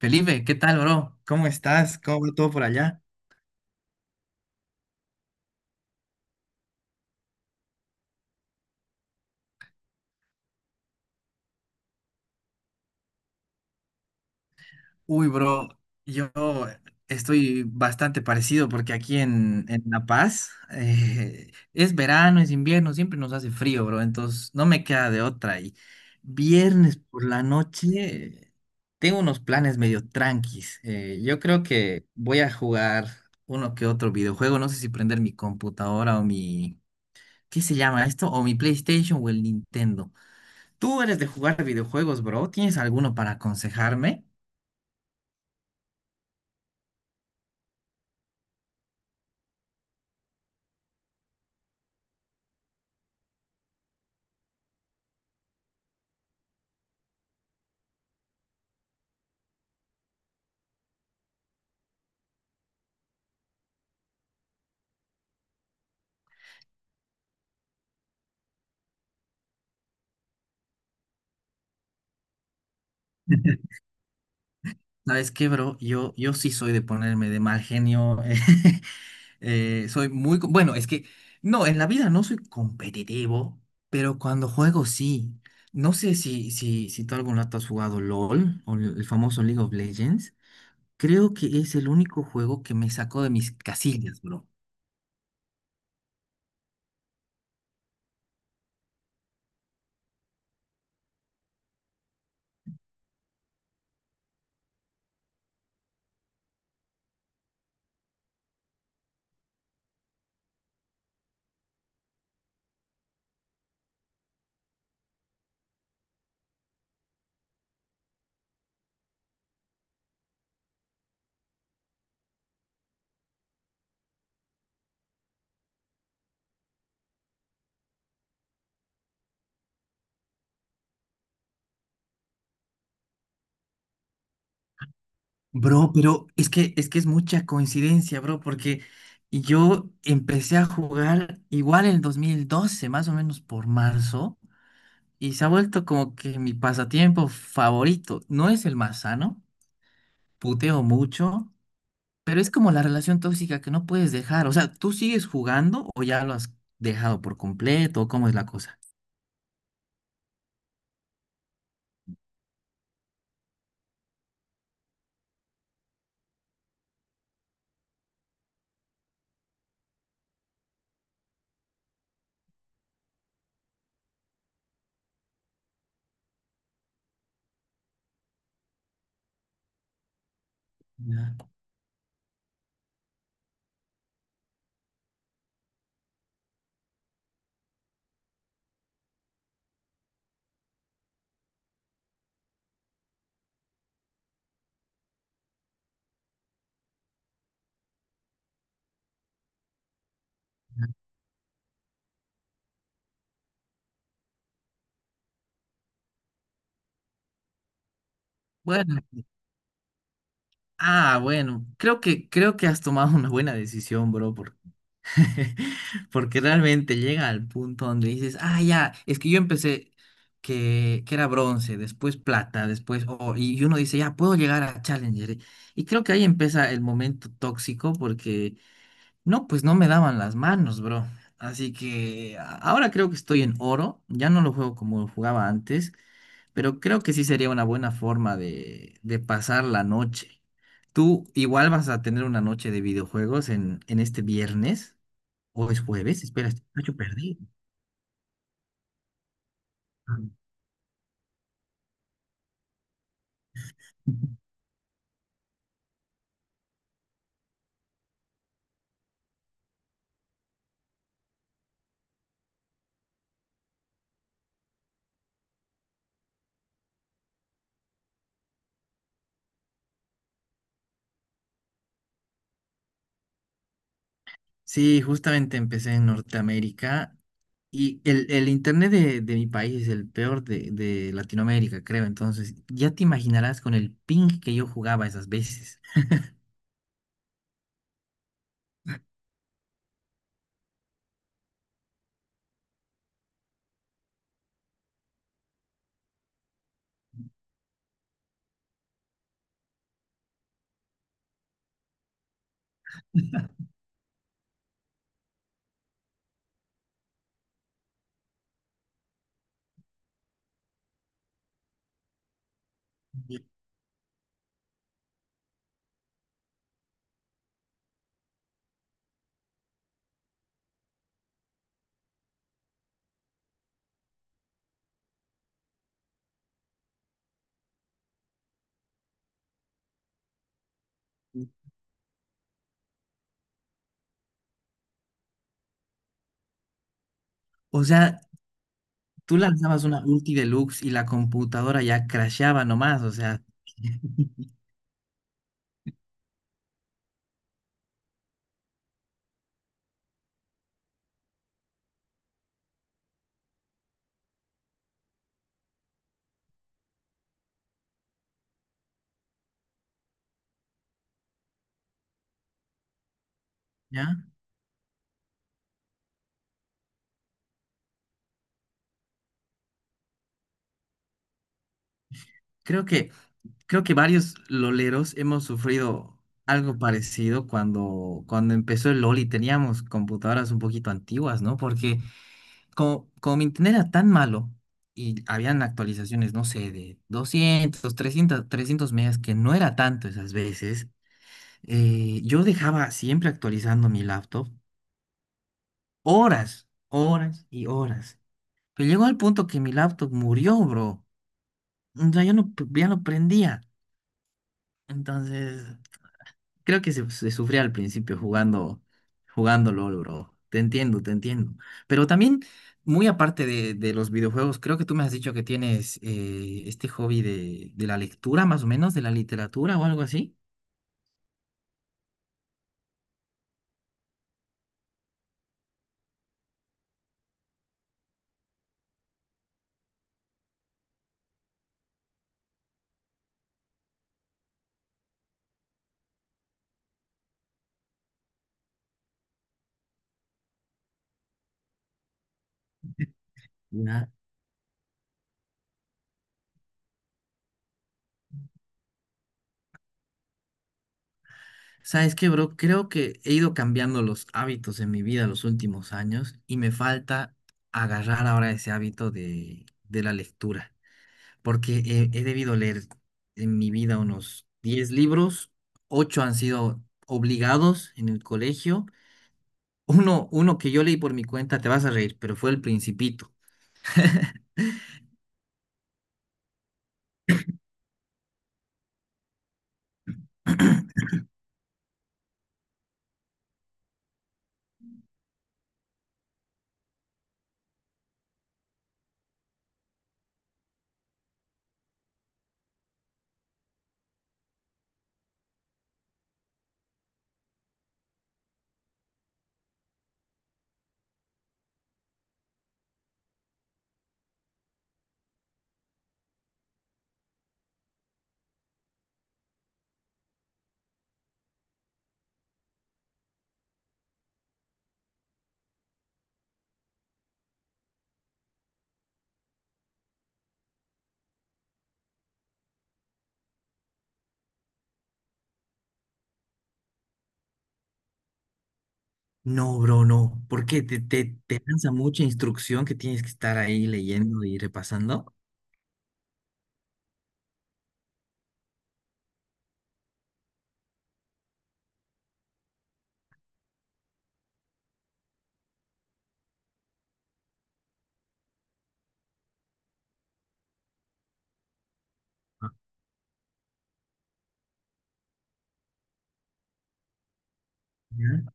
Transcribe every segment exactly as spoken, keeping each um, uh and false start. Felipe, ¿qué tal, bro? ¿Cómo estás? ¿Cómo va todo por allá? Uy, bro, yo estoy bastante parecido porque aquí en, en La Paz, eh, es verano, es invierno, siempre nos hace frío, bro, entonces no me queda de otra. Y viernes por la noche tengo unos planes medio tranquis. Eh, yo creo que voy a jugar uno que otro videojuego, no sé si prender mi computadora o mi, ¿qué se llama esto? O mi PlayStation o el Nintendo. Tú eres de jugar videojuegos, bro. ¿Tienes alguno para aconsejarme? ¿Sabes qué, bro? Yo, yo sí soy de ponerme de mal genio. eh, eh, soy muy... co- Bueno, es que, no, en la vida no soy competitivo, pero cuando juego sí. No sé si, si, si tú algún rato has jugado LOL o el el famoso League of Legends. Creo que es el único juego que me sacó de mis casillas, bro. Bro, pero es que es que es mucha coincidencia, bro, porque yo empecé a jugar igual en el dos mil doce, más o menos por marzo, y se ha vuelto como que mi pasatiempo favorito. No es el más sano, puteo mucho, pero es como la relación tóxica que no puedes dejar. O sea, ¿tú sigues jugando o ya lo has dejado por completo? ¿O cómo es la cosa? Ya. Bueno, ah, bueno, creo que creo que has tomado una buena decisión, bro. Porque realmente llega al punto donde dices, ah, ya, es que yo empecé que, que era bronce, después plata, después oro, y y uno dice, ya, puedo llegar a Challenger. eh". Y creo que ahí empieza el momento tóxico porque, no, pues no me daban las manos, bro. Así que a- ahora creo que estoy en oro, ya no lo juego como lo jugaba antes, pero creo que sí sería una buena forma de, de pasar la noche. ¿Tú igual vas a tener una noche de videojuegos en, en este viernes? ¿O es jueves? Espera, este muchacho perdí. Ah. Sí, justamente empecé en Norteamérica y el, el internet de, de mi país es el peor de, de Latinoamérica, creo. Entonces, ya te imaginarás con el ping que yo jugaba esas veces. Y- O sea, tú lanzabas una ulti deluxe y la computadora ya crasheaba nomás, o sea. ¿Ya? Creo que Creo que varios loleros hemos sufrido algo parecido cuando, cuando empezó el LOL y teníamos computadoras un poquito antiguas, ¿no? Porque como, como mi internet era tan malo y habían actualizaciones, no sé, de doscientos trescientos, trescientos megas, que no era tanto esas veces, eh, yo dejaba siempre actualizando mi laptop horas, horas y horas. Pero llegó al punto que mi laptop murió, bro. O sea, yo no, ya no prendía. Entonces... Creo que se, se sufría al principio jugando, jugando LOL, bro. Te entiendo, te entiendo. Pero también, muy aparte de, de los videojuegos, creo que tú me has dicho que tienes eh, este hobby de, de la lectura, más o menos, de la literatura o algo así. Ya. ¿Sabes qué, bro? Creo que he ido cambiando los hábitos en mi vida los últimos años y me falta agarrar ahora ese hábito de, de la lectura. Porque he, he debido leer en mi vida unos diez libros, ocho han sido obligados en el colegio. Uno, uno que yo leí por mi cuenta, te vas a reír, pero fue El Principito. No, bro, no, porque te, te, te lanza mucha instrucción que tienes que estar ahí leyendo y repasando. Ah, ya.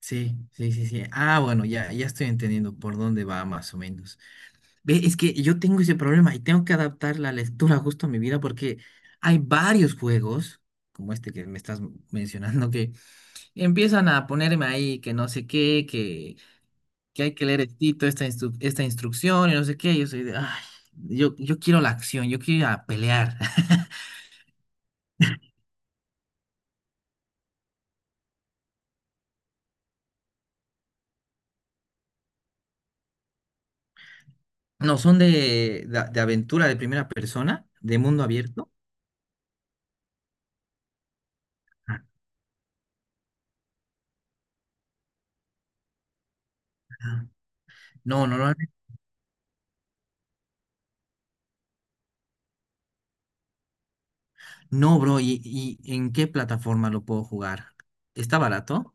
Sí, sí, sí, sí. Ah, bueno, ya, ya estoy entendiendo por dónde va más o menos. Ve, es que yo tengo ese problema y tengo que adaptar la lectura justo a mi vida porque hay varios juegos, como este que me estás mencionando, que empiezan a ponerme ahí que no sé qué, que, que hay que leer estito, esta, instru- esta instrucción y no sé qué. Yo soy de, ay, yo, yo quiero la acción, yo quiero ir a pelear. No, son de, de, de aventura de primera persona, de mundo abierto. Ajá. No, no, no, no, bro. ¿Y, y en qué plataforma lo puedo jugar? ¿Está barato?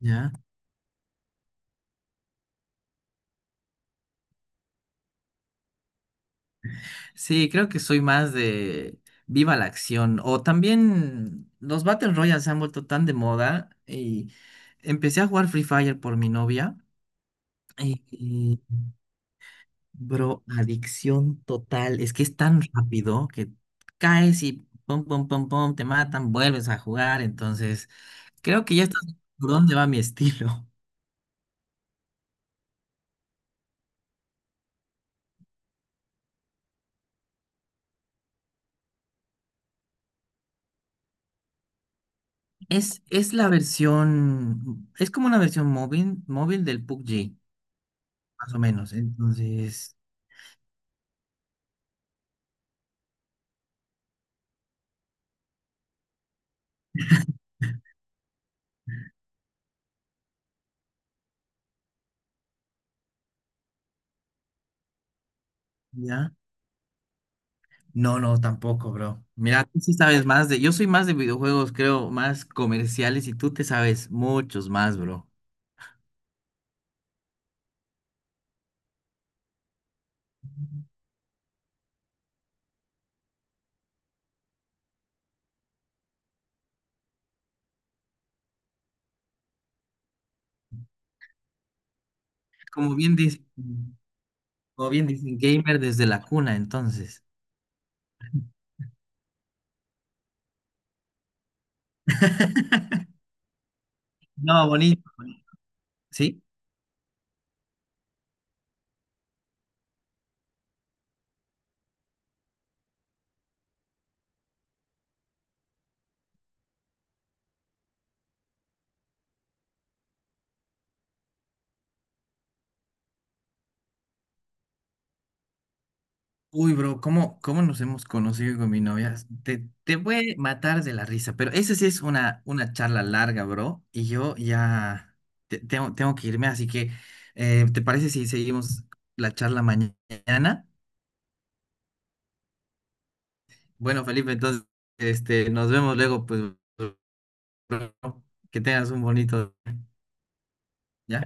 Ya. Sí, creo que soy más de viva la acción. O también los Battle Royales se han vuelto tan de moda y empecé a jugar Free Fire por mi novia. Y, y, bro, adicción total. Es que es tan rápido que caes y pum, pum, pum, pum, te matan, vuelves a jugar. Entonces, creo que ya estás por dónde va mi estilo. Es, es la versión, es como una versión móvil, móvil del P U B G, más o menos. Entonces, ya. No, no, tampoco, bro. Mira, tú sí sabes más de. Yo soy más de videojuegos, creo, más comerciales y tú te sabes muchos más, bro. Como bien dicen, como bien dicen, gamer desde la cuna, entonces. No, bonito, bonito. ¿Sí? Uy, bro, ¿cómo, cómo nos hemos conocido con mi novia? Te, te voy a matar de la risa, pero esa sí es una, una charla larga, bro, y yo ya te- tengo, tengo que irme, así que, eh, ¿te parece si seguimos la charla mañana? Bueno, Felipe, entonces, este, nos vemos luego, pues, que tengas un bonito, ¿ya?